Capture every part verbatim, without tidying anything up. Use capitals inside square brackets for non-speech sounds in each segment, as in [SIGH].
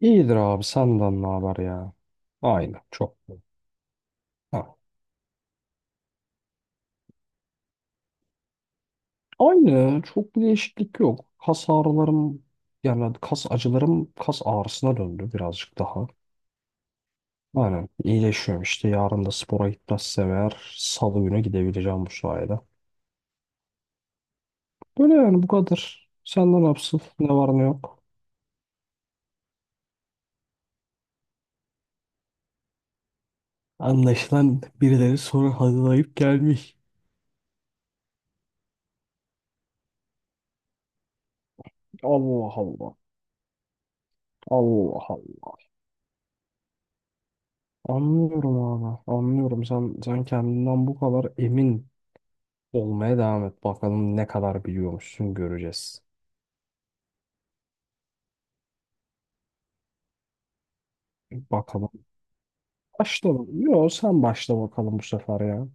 İyidir abi, senden ne haber ya? Aynı çok. Ha. Aynı çok, bir değişiklik yok. Kas ağrılarım, yani kas acılarım kas ağrısına döndü birazcık daha. Aynen, iyileşiyorum işte. Yarın da spora gitmezsem eğer salı günü gidebileceğim bu sayede. Böyle yani, bu kadar. Senden ne yapsın? Ne var ne yok? Anlaşılan birileri soru hazırlayıp gelmiş. Allah Allah. Allah Allah. Anlıyorum abi. Anlıyorum. Sen sen kendinden bu kadar emin olmaya devam et. Bakalım ne kadar biliyormuşsun, göreceğiz. Bakalım. Başla. bak- Yo, sen başla bakalım bu sefer ya.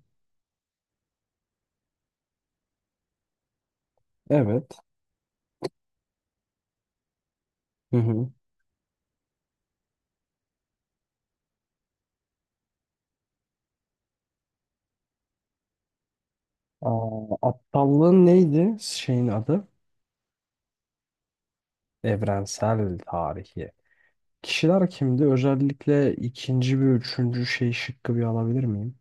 Evet. Hı hı. Aa, aptallığın neydi? Şeyin adı? Evrensel tarihi. Kişiler kimdi? Özellikle ikinci ve üçüncü şey şıkkı bir alabilir miyim?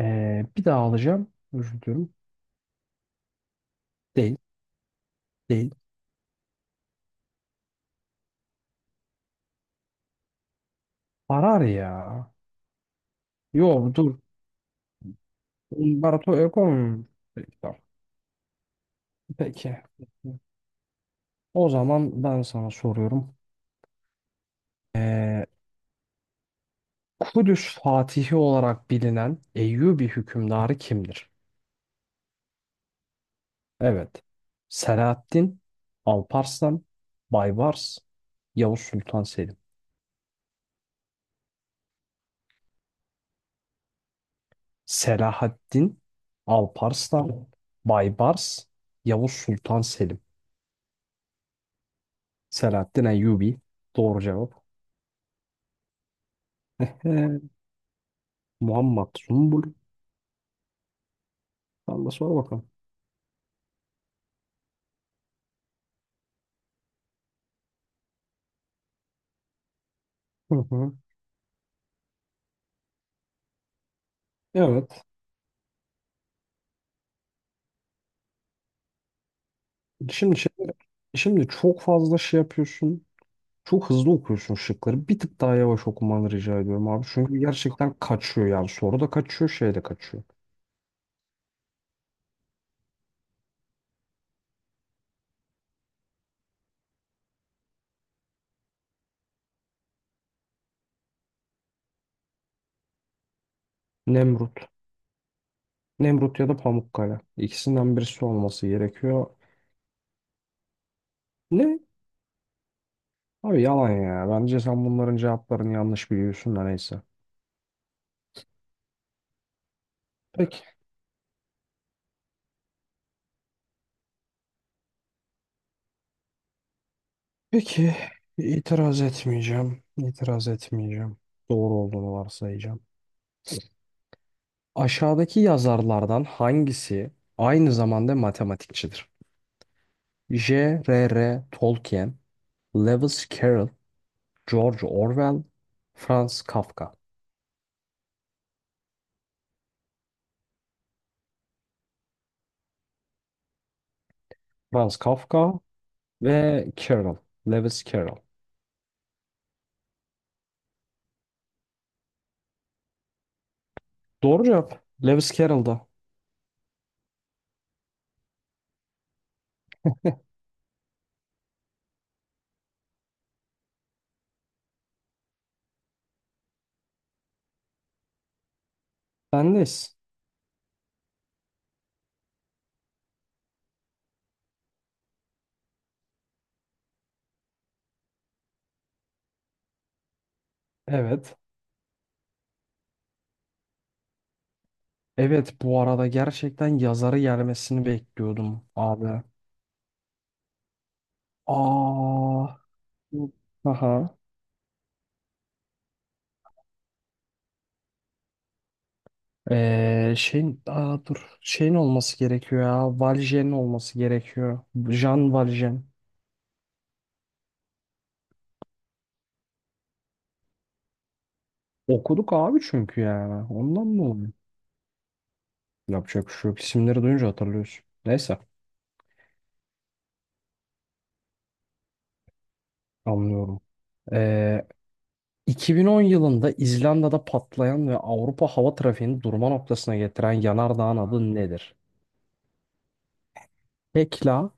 Ee, bir daha alacağım. Özür diliyorum. Değil. Değil. Arar ya. Yo dur. Umberto Eco mu? Peki, tamam. Peki. O zaman ben sana soruyorum. Ee, Kudüs Fatihi olarak bilinen Eyyubi hükümdarı kimdir? Evet. Selahaddin, Alparslan, Baybars, Yavuz Sultan Selim. Selahaddin, Alparslan, Baybars, Yavuz Sultan Selim. Selahaddin Eyyubi. Doğru cevap. [LAUGHS] Ehe, Muhammed Zumbul. Allah de, sor bakalım. Hı hı. Evet. Şimdi şey, şimdi çok fazla şey yapıyorsun. Çok hızlı okuyorsun şıkları. Bir tık daha yavaş okumanı rica ediyorum abi. Çünkü gerçekten kaçıyor yani. Soru da kaçıyor, şey de kaçıyor. Nemrut. Nemrut ya da Pamukkale. İkisinden birisi olması gerekiyor. Ne? Abi yalan ya. Bence sen bunların cevaplarını yanlış biliyorsun da neyse. Peki. Peki. İtiraz etmeyeceğim. İtiraz etmeyeceğim. Doğru olduğunu varsayacağım. Aşağıdaki yazarlardan hangisi aynı zamanda matematikçidir? J R R. Tolkien, Lewis Carroll, George Orwell, Franz Kafka. Franz Kafka ve Carroll. Lewis Carroll. Doğru cevap. Lewis Carroll'da. Bendeyiz. Evet. Evet bu arada gerçekten yazarı gelmesini bekliyordum abi. Aa. Aha. Ee, şeyin aa, dur, şeyin olması gerekiyor ya, Valjean'in olması gerekiyor. Jean Valjean. Okuduk abi, çünkü yani ondan mı oluyor? Yapacak bir şey yok. İsimleri duyunca hatırlıyorsun, neyse. Anlıyorum. Ee, iki bin on yılında İzlanda'da patlayan ve Avrupa hava trafiğini durma noktasına getiren yanardağın adı nedir? Hekla,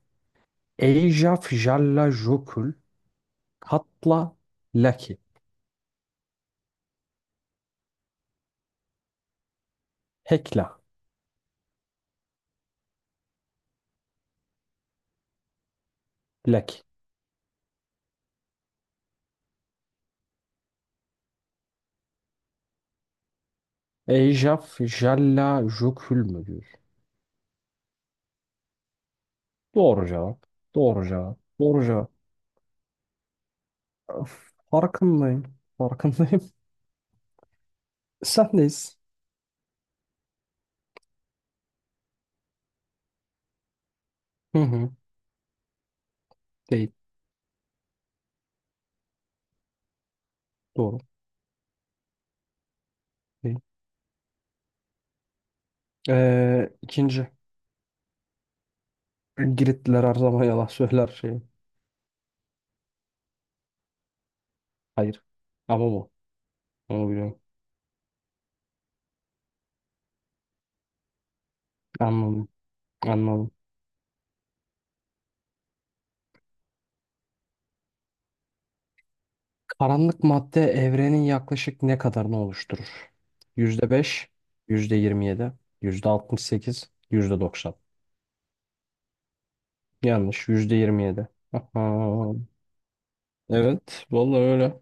Eyjafjallajökull, Katla, Laki. Hekla, Laki. Eyjafjallajökull mü diyor? Doğru cevap. Doğru cevap. Doğru cevap. Öf, farkındayım. Farkındayım. [LAUGHS] Sendeyiz. Hı hı. Değil. Doğru. Değil. Ee, ikinci. Giritliler her zaman yalan söyler şey. Hayır. Ama bu. Onu biliyorum. Anladım. Anladım. Karanlık madde evrenin yaklaşık ne kadarını oluşturur? Yüzde yüzde yüzde beş, yirmi yedi, yüzde altmış sekiz, yüzde doksan. Yanlış. Yüzde yirmi yedi. Aha. Evet. Vallahi öyle.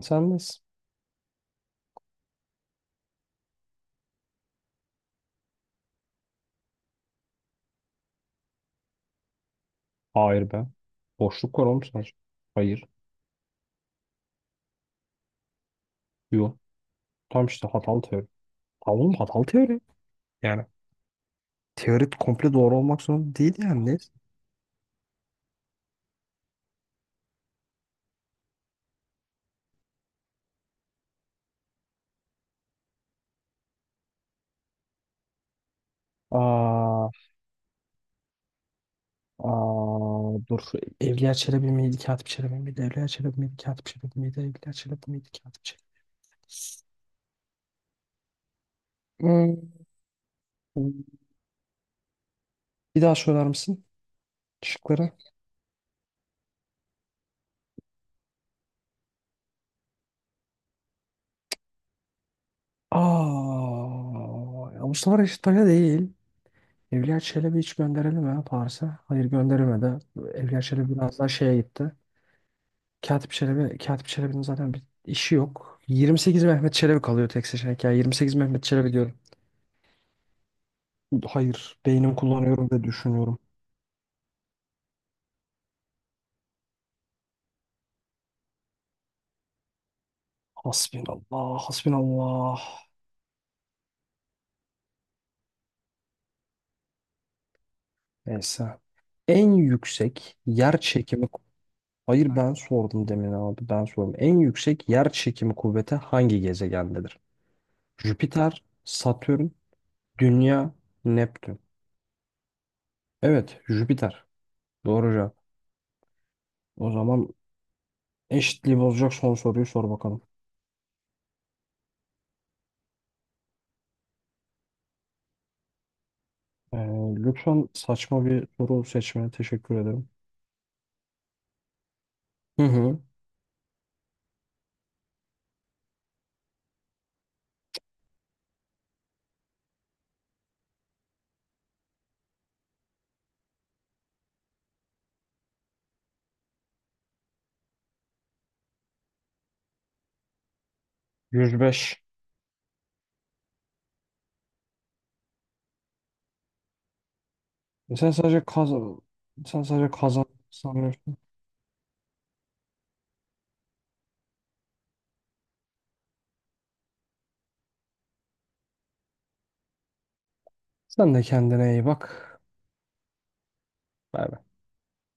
Sen nesin? Hayır be. Boşluk var oğlum sadece. Hayır. Yok. Tam işte hatalı teori. Tamam oğlum, hatalı teori. Yani teori komple doğru olmak zorunda değil yani. Neyse. Aa. Aa, dur. Evliya Çelebi miydi? Katip Çelebi miydi? Evliya Çelebi miydi? Katip Çelebi miydi? Evliya Çelebi miydi? Katip Çelebi. Hmm. Bir daha söyler misin şıkları? Aa, ya Mustafa Reşit Paşa değil. Evliya Çelebi hiç gönderelim mi Paris'e? Hayır, gönderilmedi. Evliya Çelebi biraz daha şeye gitti. Katip Çelebi, Katip Çelebi'nin zaten bir işi yok. Yirmi sekiz Mehmet Çelebi kalıyor tek seçenek ya. Yirmi sekiz Mehmet Çelebi diyorum. Hayır, beynim kullanıyorum ve düşünüyorum. Hasbinallah, hasbinallah. Neyse. En yüksek yer çekimi. Hayır ben sordum demin abi, ben sordum. En yüksek yer çekimi kuvveti hangi gezegendedir? Jüpiter, Satürn, Dünya, Neptün. Evet, Jüpiter. Doğru cevap. O zaman eşitliği bozacak son soruyu sor bakalım. Ee, lütfen saçma bir soru seçmene teşekkür ederim. Hı hı. yüz beş. Sen sadece kaz Sen sadece kazan sanıyorsun. Sen de kendine iyi bak. Bay bay.